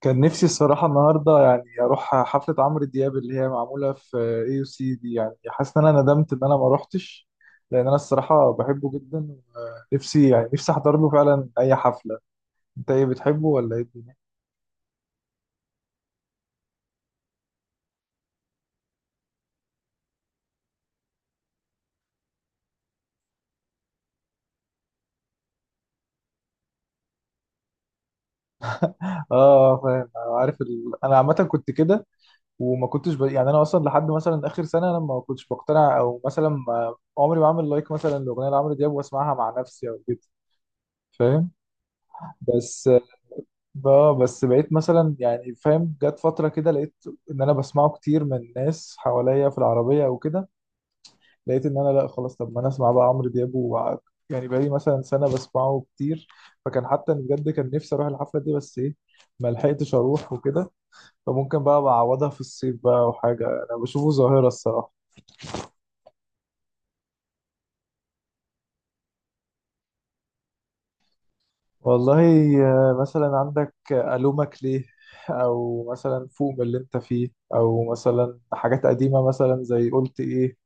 كان نفسي الصراحة النهاردة يعني أروح حفلة عمرو دياب اللي هي معمولة في اي يو سي دي. يعني حاسس إن أنا ندمت إن أنا ما روحتش، لأن أنا الصراحة بحبه جدا، ونفسي يعني نفسي أحضر له فعلا أي حفلة. أنت إيه بتحبه ولا إيه الدنيا؟ آه فاهم. عارف أنا عامة كنت كده، وما كنتش يعني أنا أصلا لحد مثلا آخر سنة أنا ما كنتش بقتنع، أو مثلا ما... عمري ما أعمل لايك مثلا لأغنية لعمرو دياب وأسمعها مع نفسي أو كده. فاهم؟ بس اه بس بقيت مثلا، يعني فاهم، جت فترة كده لقيت ان انا بسمعه كتير من ناس حواليا في العربية او كده. لقيت ان انا لا خلاص، طب ما انا اسمع بقى عمرو دياب يعني بقالي مثلا سنة بسمعه كتير. فكان حتى أنا بجد كان نفسي اروح الحفلة دي، بس ايه، ما لحقتش اروح وكده. فممكن بقى بعوضها في الصيف بقى او حاجة. انا بشوفه ظاهرة الصراحة. والله مثلا عندك ألومك ليه، او مثلا فوق من اللي انت فيه، او مثلا حاجات قديمة مثلا زي قلت ايه،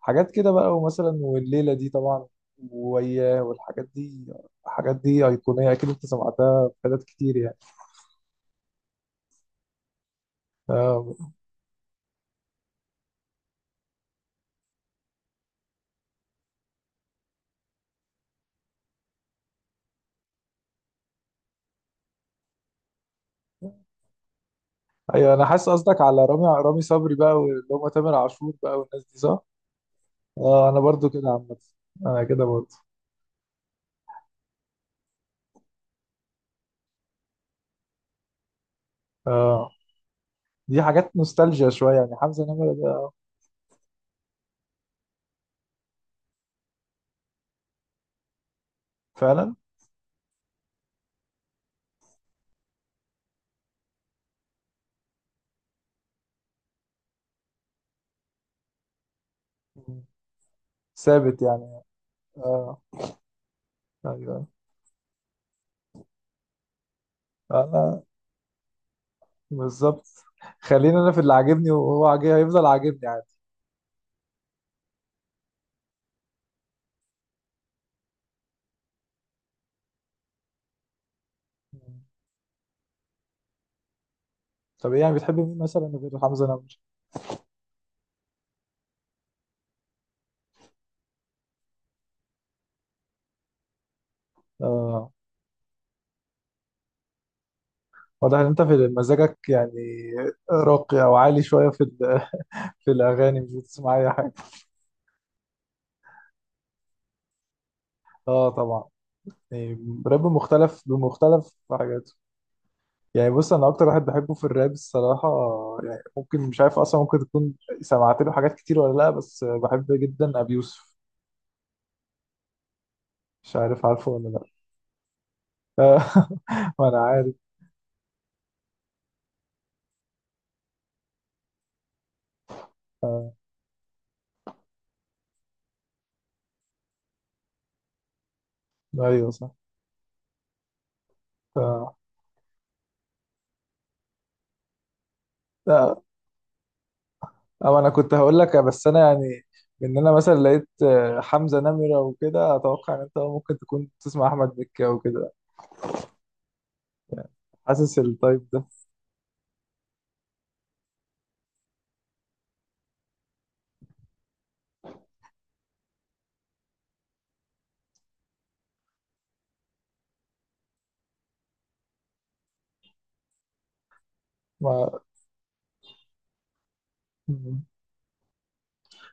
حاجات كده بقى، ومثلا والليلة دي طبعا، وياه، والحاجات دي. الحاجات دي أيقونية، أكيد أنت سمعتها في حتت كتير يعني. آه، أيوة أنا حاسس قصدك على رامي صبري بقى، واللي هم تامر عاشور بقى، والناس دي، صح؟ آه، أنا برضو كده عامة. أنا كده برضو. آه، دي حاجات نوستالجيا شوية يعني، حمزة نمرة ده فعلا ثابت يعني. آه أيوة. أنا بالظبط. خلينا أنا في اللي عاجبني، وهو عاجب هيفضل عاجبني عادي. طب إيه يعني، بتحب مين مثلا غير حمزة نمرة؟ اه واضح ان انت في مزاجك يعني راقي او عالي شويه في في الاغاني مش بتسمع اي حاجه. اه طبعا، يعني راب مختلف بمختلف حاجاته. يعني بص، انا اكتر واحد بحبه في الراب الصراحه، يعني ممكن مش عارف اصلا، ممكن تكون سمعت له حاجات كتير ولا لا، بس بحب جدا ابي يوسف. مش عارف عارفه ولا لا آه، ما انا عارف. ايوه صح. آه. أو أنا كنت هقول لك، بس أنا يعني إن أنا مثلا لقيت حمزة نمرة وكده، أتوقع إن أنت ممكن تكون تسمع أحمد مكي أو كده. حاسس التايب ده. ما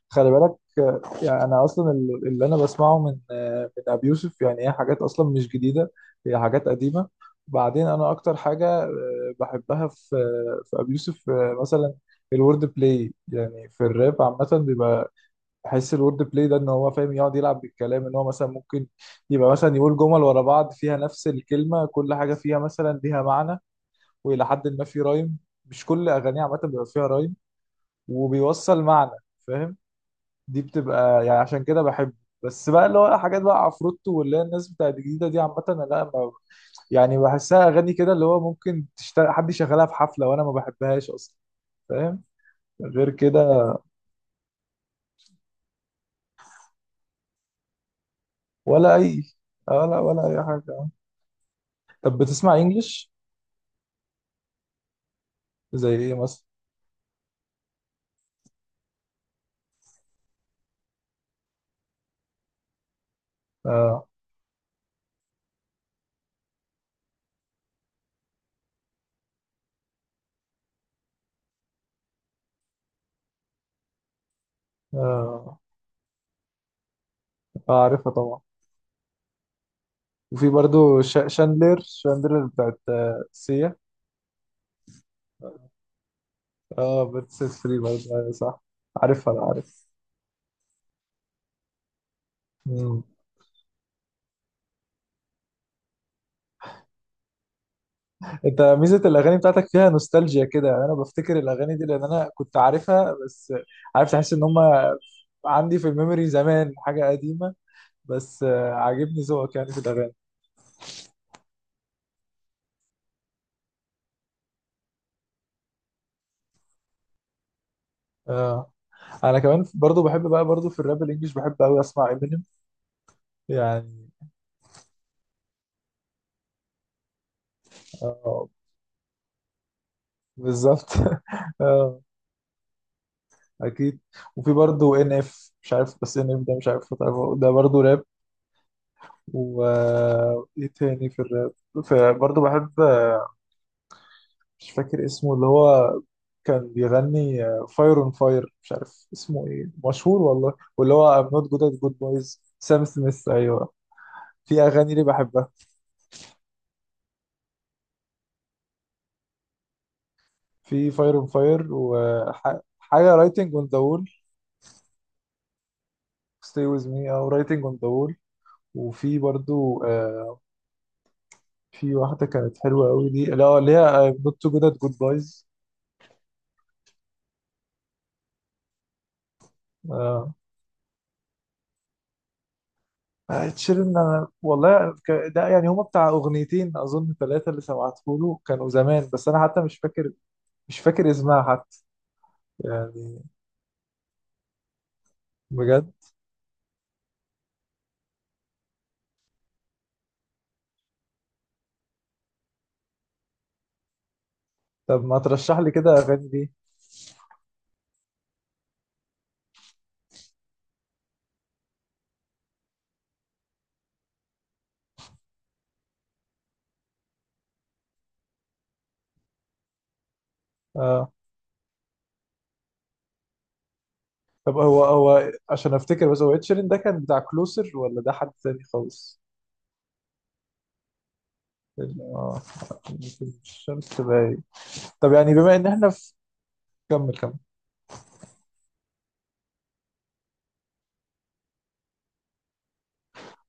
خلي بالك، يعني أنا أصلا اللي أنا بسمعه من من أبي يوسف، يعني هي حاجات أصلا مش جديدة، هي حاجات قديمة. بعدين أنا أكتر حاجة بحبها في في أبي يوسف مثلا الورد بلاي. يعني في الراب عامة بيبقى، بحس الورد بلاي ده ان هو فاهم يقعد يلعب بالكلام، ان هو مثلا ممكن يبقى مثلا يقول جمل ورا بعض فيها نفس الكلمه، كل حاجه فيها مثلا ليها معنى، والى حد ما في رايم. مش كل اغانيه عامه بيبقى فيها رايم، وبيوصل معنى. فاهم؟ دي بتبقى يعني عشان كده بحبه. بس بقى اللي هو حاجات بقى عفروتو، واللي هي الناس بتاعت الجديده دي عامه، أنا لا ما يعني، بحسها اغاني كده اللي هو ممكن تشتغل، حد يشغلها في حفله وانا ما بحبهاش اصلا. فاهم؟ غير كده ولا اي اه لا ولا اي حاجه. طب بتسمع انجلش؟ زي ايه مثلا؟ اه اه عارفها طبعا. وفي برضو شاندلر بتاعت سيا. اه بتاعت سيس فري برضو، ايوه صح. عارفها انا عارف. مم. انت ميزه الاغاني بتاعتك فيها نوستالجيا كده يعني، انا بفتكر الاغاني دي لان انا كنت عارفها بس، عارف، تحس ان هم عندي في الميموري زمان حاجه قديمه. بس عاجبني ذوقك يعني في الاغاني. اه انا كمان برضو بحب بقى، برضو في الراب الانجليش بحب قوي اسمع امينيم يعني. اه بالظبط اه اكيد. وفي برضه ان اف، مش عارف، بس ان اف ده مش عارف تعرفه. ده برضه راب. و ايه تاني في الراب؟ فبرضه بحب، مش فاكر اسمه، اللي هو كان بيغني فاير اون فاير، مش عارف اسمه ايه، مشهور والله، واللي هو ام نوت جود ات جود بويز، سام سميث ايوه. في اغاني ليه بحبها. في فاير اون فاير، وحاجه رايتنج اون ذا وول، ستي ويز مي، او رايتنج اون ذا وول. وفي برضه في واحدة كانت حلوة قوي دي، لا اللي هي نوت تو جود ات جود بايز. اه تشيرن، انا والله ده يعني هما بتاع اغنيتين اظن ثلاثة اللي سمعته له، كانوا زمان، بس انا حتى مش فاكر. مش فاكر اسمها حتى يعني. بجد. طب ما ترشح لي كده اغاني دي. اه طب هو عشان افتكر، بس هو تشيرن ده كان بتاع كلوسر، ولا ده حد تاني خالص؟ ال- اه الشمس باين. طب يعني بما ان احنا في، كمل كمل.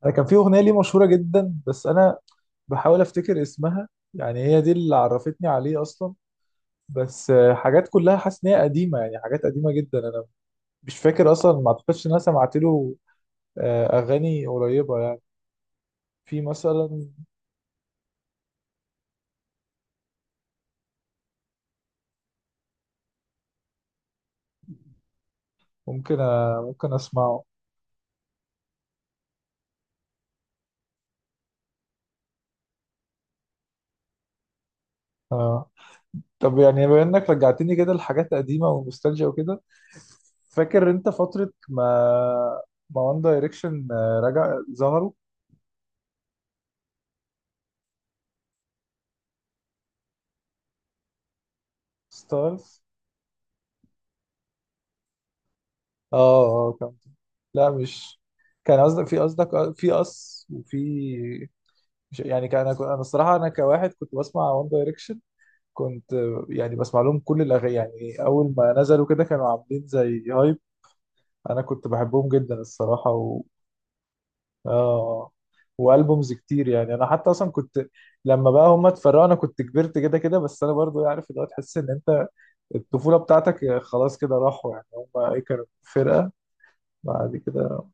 انا كان في اغنيه ليه مشهوره جدا، بس انا بحاول افتكر اسمها، يعني هي دي اللي عرفتني عليه اصلا. بس حاجات كلها حاسس ان هي قديمه يعني، حاجات قديمه جدا. انا مش فاكر اصلا، ما اعتقدش ان انا سمعت له اغاني قريبه يعني. في مثلا، ممكن اسمعه. آه. طب يعني بما انك رجعتني كده لحاجات قديمه ونوستالجيا وكده، فاكر انت فتره ما وان دايركشن رجع ظهروا؟ ستارز اه اه كان. لا مش كان. قصدك في قص، وفي يعني كان، أنا الصراحه انا كواحد كنت بسمع وان دايركشن. كنت يعني بسمع لهم كل الاغاني، يعني اول ما نزلوا كده كانوا عاملين زي هايب. انا كنت بحبهم جدا الصراحه اه والبومز كتير يعني. انا حتى اصلا كنت، لما بقى هم اتفرقوا انا كنت كبرت كده كده، بس انا برضو عارف اللي هو، تحس ان انت الطفوله بتاعتك خلاص كده راحوا يعني. هم ايه كانوا فرقه بعد كده.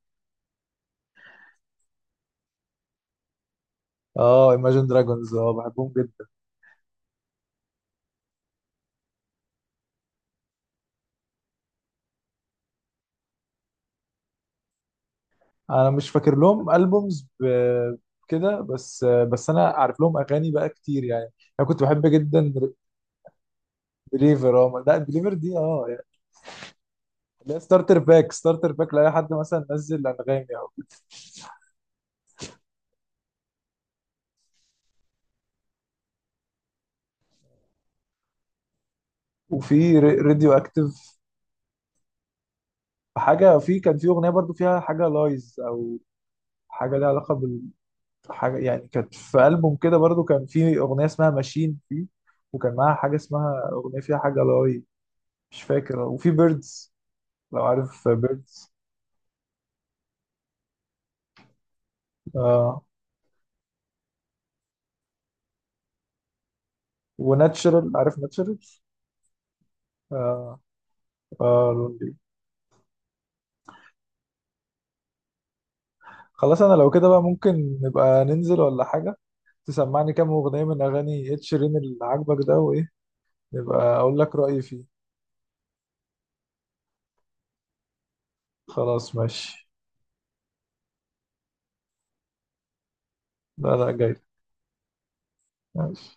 اه Imagine Dragons، اه بحبهم جدا. انا مش فاكر لهم البومز كده، بس انا عارف لهم اغاني بقى كتير يعني. انا كنت بحب جدا. بليفر اه، لا بليفر دي اه يعني. لا ستارتر باك، ستارتر باك لاي حد مثلا نزل انغامي او. وفي راديو اكتيف حاجه. في كان في اغنيه برضو فيها حاجه لايز او حاجه ليها علاقه بالحاجه يعني، كانت في البوم كده برضو كان في اغنيه اسمها ماشين فيه، وكان معاها حاجه اسمها اغنيه فيها حاجه لاي، مش فاكر. وفي بيردز، لو عارف بيردز. آه وناتشرال، عارف ناتشرال؟ آه. آه لوندي. خلاص، انا لو كده بقى ممكن نبقى ننزل ولا حاجة، تسمعني كام أغنية من أغاني إد شيرين اللي عاجبك ده، وإيه نبقى أقول لك رأيي فيه. خلاص ماشي. لا لا جاي. ماشي.